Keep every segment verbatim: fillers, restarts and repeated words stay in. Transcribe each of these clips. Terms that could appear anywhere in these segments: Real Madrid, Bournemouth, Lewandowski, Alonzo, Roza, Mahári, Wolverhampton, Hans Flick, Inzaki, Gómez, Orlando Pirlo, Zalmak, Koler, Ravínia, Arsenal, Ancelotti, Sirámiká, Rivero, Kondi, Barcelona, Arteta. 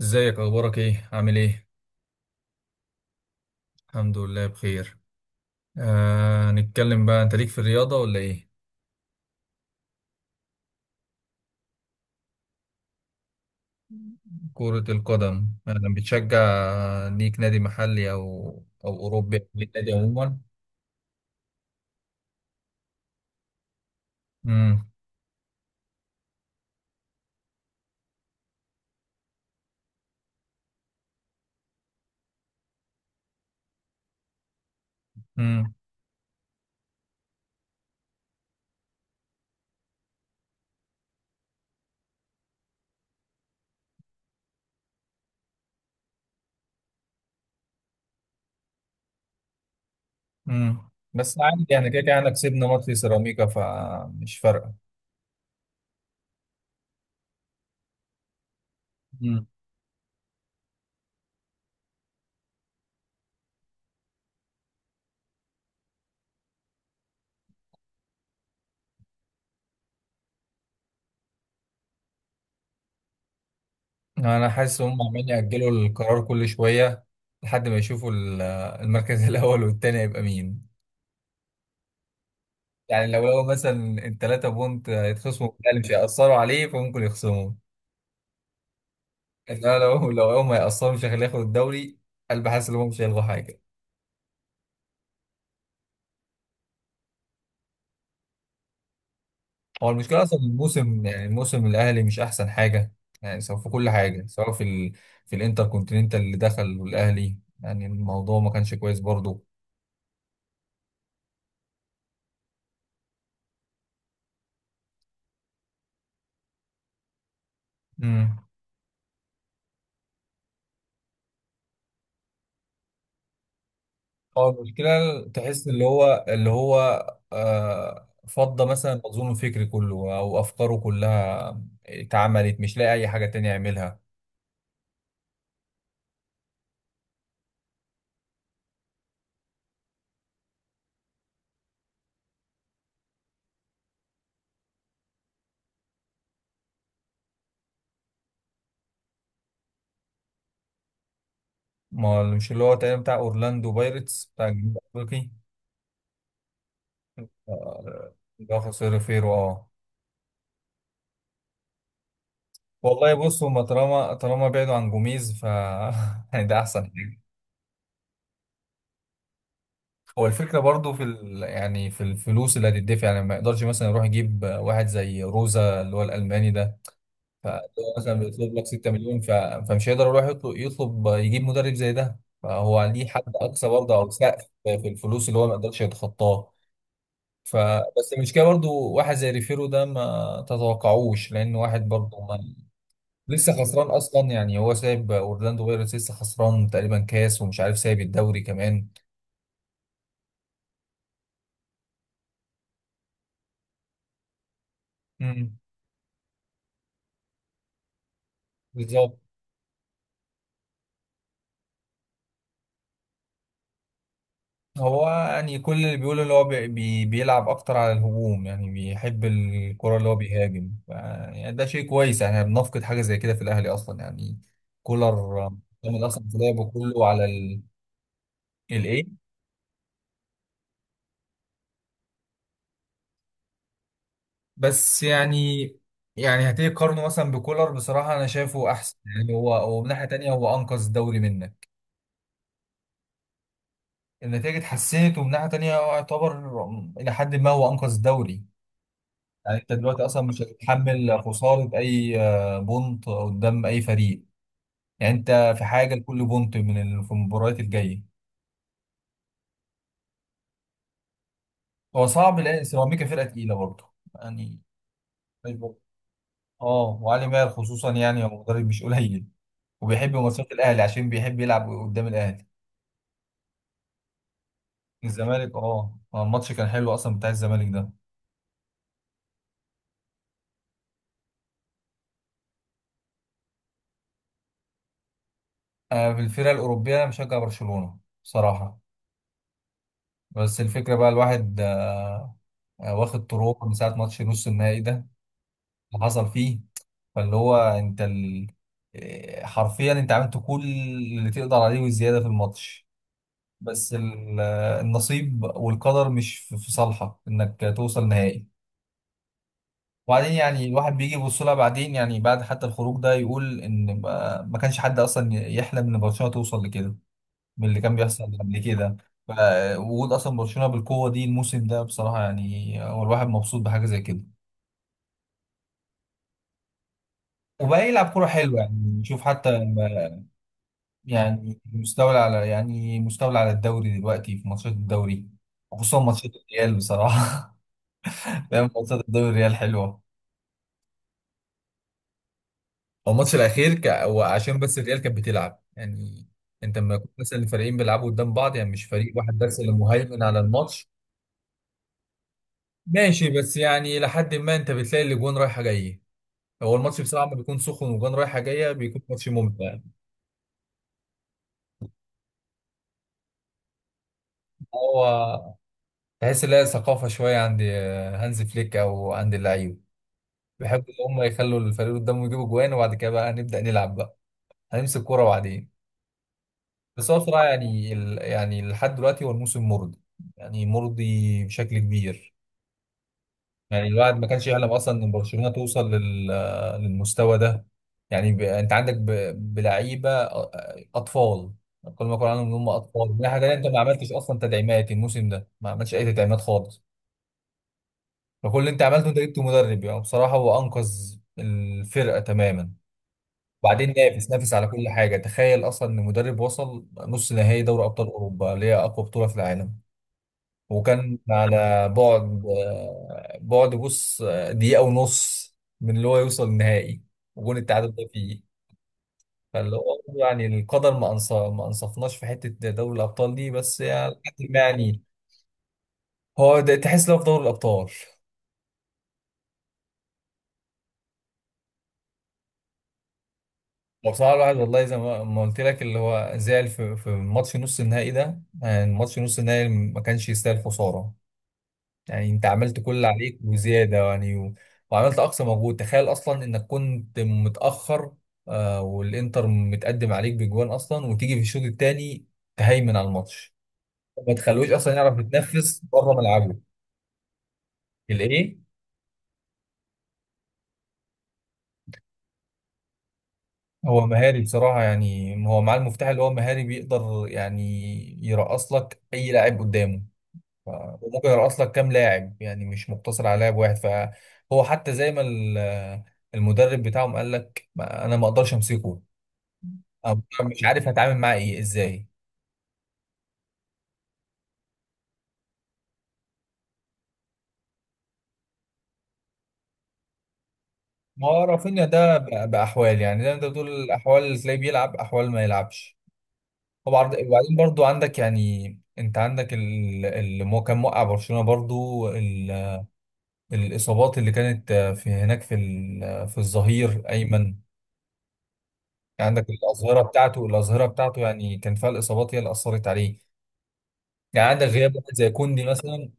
ازيك، اخبارك ايه، عامل ايه؟ الحمد لله بخير. آه نتكلم بقى، انت ليك في الرياضة ولا ايه؟ كرة القدم انا بتشجع. ليك نادي محلي او او اوروبي، أو ليك نادي عموما؟ امم. امم. امم. بس عادي، يعني كده كده احنا كسبنا ماتش سيراميكا فمش فارقة. امم. انا حاسس هم عمالين يأجلوا القرار كل شوية. لحد ما يشوفوا ال- المركز الاول والتاني هيبقى مين. يعني لو لو مثلا التلاتة بونت هيتخصموا بالأهلي، مش هيأثروا عليه فممكن يخصموا. إنما لو لو هم هيأثروا مش هيخليه ياخد الدوري. أنا حاسس إن هم مش هيلغوا حاجة. هو المشكلة أصلا الموسم، يعني الموسم الأهلي مش أحسن حاجة. يعني سواء في كل حاجة، سواء في ال... في الإنتر كونتيننتال اللي دخل والأهلي. يعني الموضوع ما كانش كويس برضه. امم. هو المشكلة تحس اللي هو اللي هو آه فضى مثلا مخزون فكري كله أو أفكاره كلها اتعملت مش لاقي أي حاجة تانية يعملها. ما اللي- مش اللي هو تقريبا بتاع اورلاندو بايرتس بتاع الجنوب الافريقي. آه، اللي هو خسر فيرو اه. والله بص، هما طالما طالما بعدوا عن جوميز ف يعني ده احسن حاجه. هو الفكره برضو في ال... يعني في الفلوس اللي هتدفع، يعني ما يقدرش مثلا يروح يجيب واحد زي روزا اللي هو الالماني ده. فهو مثلا بيطلب لك 6 مليون ف... فمش هيقدر يروح يطلب يطلب يجيب مدرب زي ده، فهو ليه حد اقصى برضه او سقف في الفلوس اللي هو ما يقدرش يتخطاه. فبس المشكله برضو واحد زي ريفيرو ده ما تتوقعوش لان واحد برضو ما. لسه خسران اصلا، يعني هو سايب اورلاندو بايرتس لسه خسران تقريبا كاس ومش عارف سايب الدوري كمان. امم، بالظبط. هو يعني كل اللي بيقوله اللي هو بي بي- بيلعب اكتر على الهجوم، يعني بيحب الكرة اللي هو بيهاجم ف- يعني ده شيء كويس، يعني احنا بنفقد حاجة زي كده في الاهلي اصلا يعني. كولر معتمد اصلا في لعبه كله على. الايه؟ بس يعني. يعني هتيجي تقارنه مثلا بكولر، بصراحة أنا شايفه أحسن يعني هو هو من ناحية تانية هو أنقذ الدوري منك. النتائج اتحسنت، ومن ناحية تانية هو يعتبر إلى حد ما هو أنقذ الدوري. يعني أنت دلوقتي أصلا مش هتتحمل خسارة أي آه، بونت قدام أي فريق. يعني أنت في حاجة لكل بونت من ال- في المباريات الجاية. هو صعب لأن سيراميكا فرقة تقيلة برضه يعني. آه وعلي ماهر خصوصا، يعني هو مدرب مش قليل، وبيحب ماتشات الأهلي عشان بيحب يلعب قدام الأهلي. الزمالك اه آه، الماتش كان حلو اصلا بتاع الزمالك ده. آه، في الفرق الاوروبيه انا مشجع برشلونه بصراحه. بس الفكره بقى، الواحد آه، واخد طروق من ساعه ماتش نص النهائي ده اللي حصل فيه. فاللي هو انت ال... آه، حرفيا انت عملت كل اللي تقدر عليه وزياده في الماتش. بس ال- آه، النصيب والقدر مش في في صالحك انك توصل نهائي. وبعدين يعني الواحد بيجي يبص لها بعدين، يعني بعد حتى الخروج ده يقول ان ما ما كانش حد اصلا يحلم ان برشلونه توصل لكده من اللي كان بيحصل قبل كده. فوجود اصلا برشلونه بالقوه دي الموسم ده بصراحه، يعني هو الواحد مبسوط بحاجه زي كده. وبقى يلعب كوره حلوه يعني. نشوف حتى لما- يعني مستولى على يعني مستولى على الدوري دلوقتي في ماتشات الدوري، وخصوصا ماتشات الريال بصراحه. فاهم، ماتشات الدوري الريال حلوه. هو الماتش الاخير ك... هو عشان بس الريال كانت بتلعب يعني. انت لما يكون مثلا الفريقين بيلعبوا قدام بعض، يعني مش فريق واحد بس اللي مهيمن على الماتش. ماشي، بس يعني لحد ما انت بتلاقي الاجوان رايحه جايه. هو الماتش بصراحة لما بيكون سخن وجوان رايحة جاية بيكون ماتش ممتع يعني. هو تحس إن هي ثقافة شوية عند هانز فليك أو عند اللعيبة. بيحبوا إن هم يخلوا الفريق اللي قدامهم يجيبوا جوان، وبعد كده بقى نبدأ نلعب بقى. هنمسك كورة بعدين. بس هو بصراحة يعني ال... يعني لحد دلوقتي هو الموسم مرضي، يعني مرضي بشكل كبير. يعني الواحد ما كانش يحلم اصلا ان برشلونه توصل لل... للمستوى ده. يعني ب... انت عندك ب... بلعيبه أ- اطفال. كل ما اقول عنهم ان هم اطفال، من ناحيه تانيه انت ما عملتش اصلا تدعيمات الموسم ده، ما عملتش اي تدعيمات خالص. فكل اللي انت عملته انت جبت مدرب، يعني بصراحه هو انقذ الفرقه تماما. وبعدين نافس نافس على كل حاجه، تخيل اصلا ان مدرب وصل نص نهائي دوري ابطال اوروبا اللي هي اقوى بطوله في العالم. وكان على بعد آه، بعد بص آه، دقيقة ونص من اللي هو يوصل النهائي وجون التعادل ده فيه. فاللي هو يعني القدر ما أنصف ما أنصفناش في حتة دوري الأبطال دي، بس يعني لحد ما يعني هو ده تحس لو في دوري الأبطال. وبصراحة الواحد والله زي ما ما قلت لك اللي هو زعل في في ماتش نص النهائي ده، يعني ماتش نص النهائي ما كانش يستاهل خسارة. يعني انت عملت كل اللي عليك وزياده، يعني و... وعملت اقصى مجهود، تخيل اصلا انك كنت متاخر آه والانتر متقدم عليك بجوان اصلا، وتيجي في الشوط الثاني تهيمن على الماتش، ما تخلوش اصلا يعرف يتنفس بره ملعبه. الايه؟ هو مهاري بصراحه، يعني هو معاه المفتاح اللي هو مهاري بيقدر يعني يرقص لك اي لاعب قدامه. ف- وممكن يرقص لك كام لاعب، يعني مش مقتصر على لاعب واحد، فهو حتى زي ما ال- المدرب بتاعهم قال لك ما- انا ما اقدرش امسكه. أو مش عارف هتعامل معاه ايه ازاي. ما هو رافينيا ده ب- بأحوال، يعني ده انت بتقول الأحوال، اللي تلاقيه بيلعب أحوال ما يلعبش. وبعد- وبعدين برضو عندك، يعني انت عندك ال- اللي مو- كان موقع برشلونة برضو ال- الإصابات اللي كانت في هناك في ال- في الظهير أيمن يعني. عندك الأظهرة بتاعته الأظهرة بتاعته يعني كان فيها الإصابات هي اللي أثرت عليه. يعني عندك غياب واحد زي كوندي مثلا.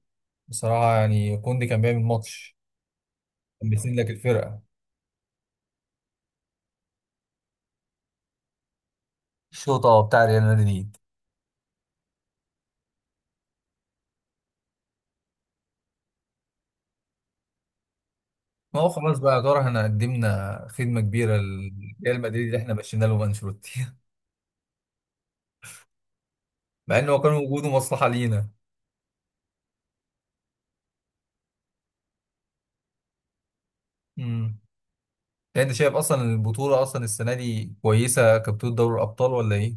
بصراحة يعني كوندي كان بيعمل ماتش، كان بيسند لك الفرقة. الشوطة بتاع ريال مدريد. ما هو خلاص بقى، يعتبر احنا قدمنا خدمة كبيرة لريال مدريد اللي احنا مشينا له انشيلوتي مع انه كان وجوده مصلحة لينا. امم. انت شايف اصلا البطولة اصلا السنة دي كويسة كبطولة دوري الابطال ولا ايه؟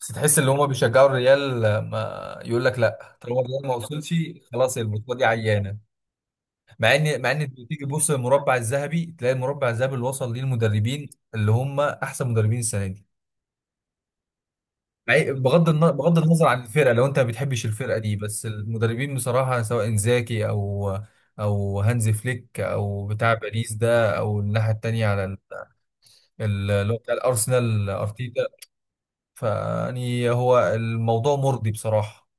بس تحس ان هما بيشجعوا الريال، ما يقول لك لا طالما الريال ما وصلش خلاص البطولة دي عيانة. مع ان مع ان تيجي تبص للمربع الذهبي تلاقي المربع الذهبي اللي وصل ليه المدربين اللي هم احسن مدربين السنة دي. مع- بغض النظر بغض النظر عن الفرقه، لو انت ما بتحبش الفرقه دي، بس المدربين بصراحه سواء انزاكي او او هانز فليك او بتاع باريس ده، او الناحيه التانيه على ال- ال- اللي هو بتاع الارسنال ارتيتا. فيعني هو الموضوع مرضي بصراحه.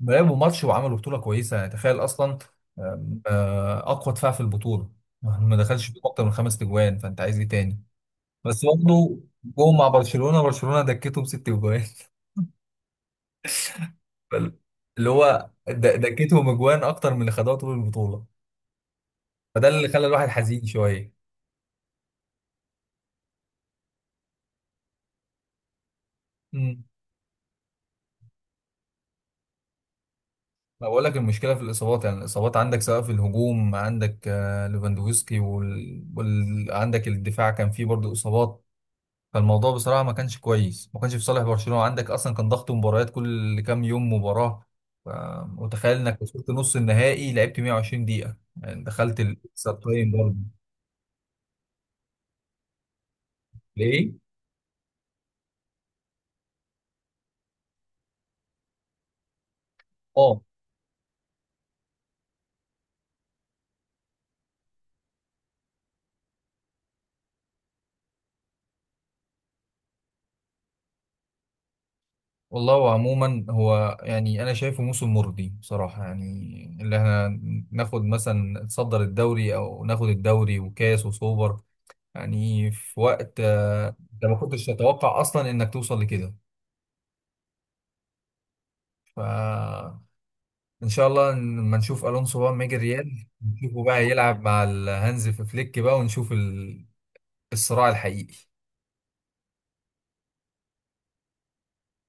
ما لعبوا ماتش وعملوا بطوله كويسه، يعني تخيل اصلا آم، آه، اقوى دفاع في البطوله ما دخلش فيهم اكتر من خمس تجوان، فانت عايز ايه تاني؟ بس برضه جم مع برشلونه، برشلونه دكتهم ست تجوان. اللي هو د- دكتهم اجوان اكتر من اللي خدوها طول البطوله، فده اللي خلى الواحد حزين شويه. امم. ما بقول لك المشكله في الاصابات، يعني الاصابات عندك سواء في الهجوم عندك آه، ليفاندوفسكي وال... وال... عندك الدفاع كان فيه برضه اصابات. فالموضوع بصراحه ما كانش كويس، ما كانش في صالح برشلونه، عندك اصلا كان ضغط مباريات كل كام يوم مباراه. ف- وتخيل انك وصلت نص النهائي لعبت مية وعشرين دقيقة دقيقه، يعني دخلت الاكسترا تايم برضه. ليه؟ اه، والله وعموما، هو يعني انا شايفه موسم مرضي بصراحه يعني. اللي احنا ناخد مثلا نتصدر الدوري او ناخد الدوري وكاس وسوبر، يعني في وقت آه، انت ما كنتش تتوقع اصلا انك توصل لكده. فان شاء الله لما نشوف الونسو بقى، لما يجي الريال نشوفه بقى يلعب مع الهانز في فليك بقى، ونشوف ال- الصراع الحقيقي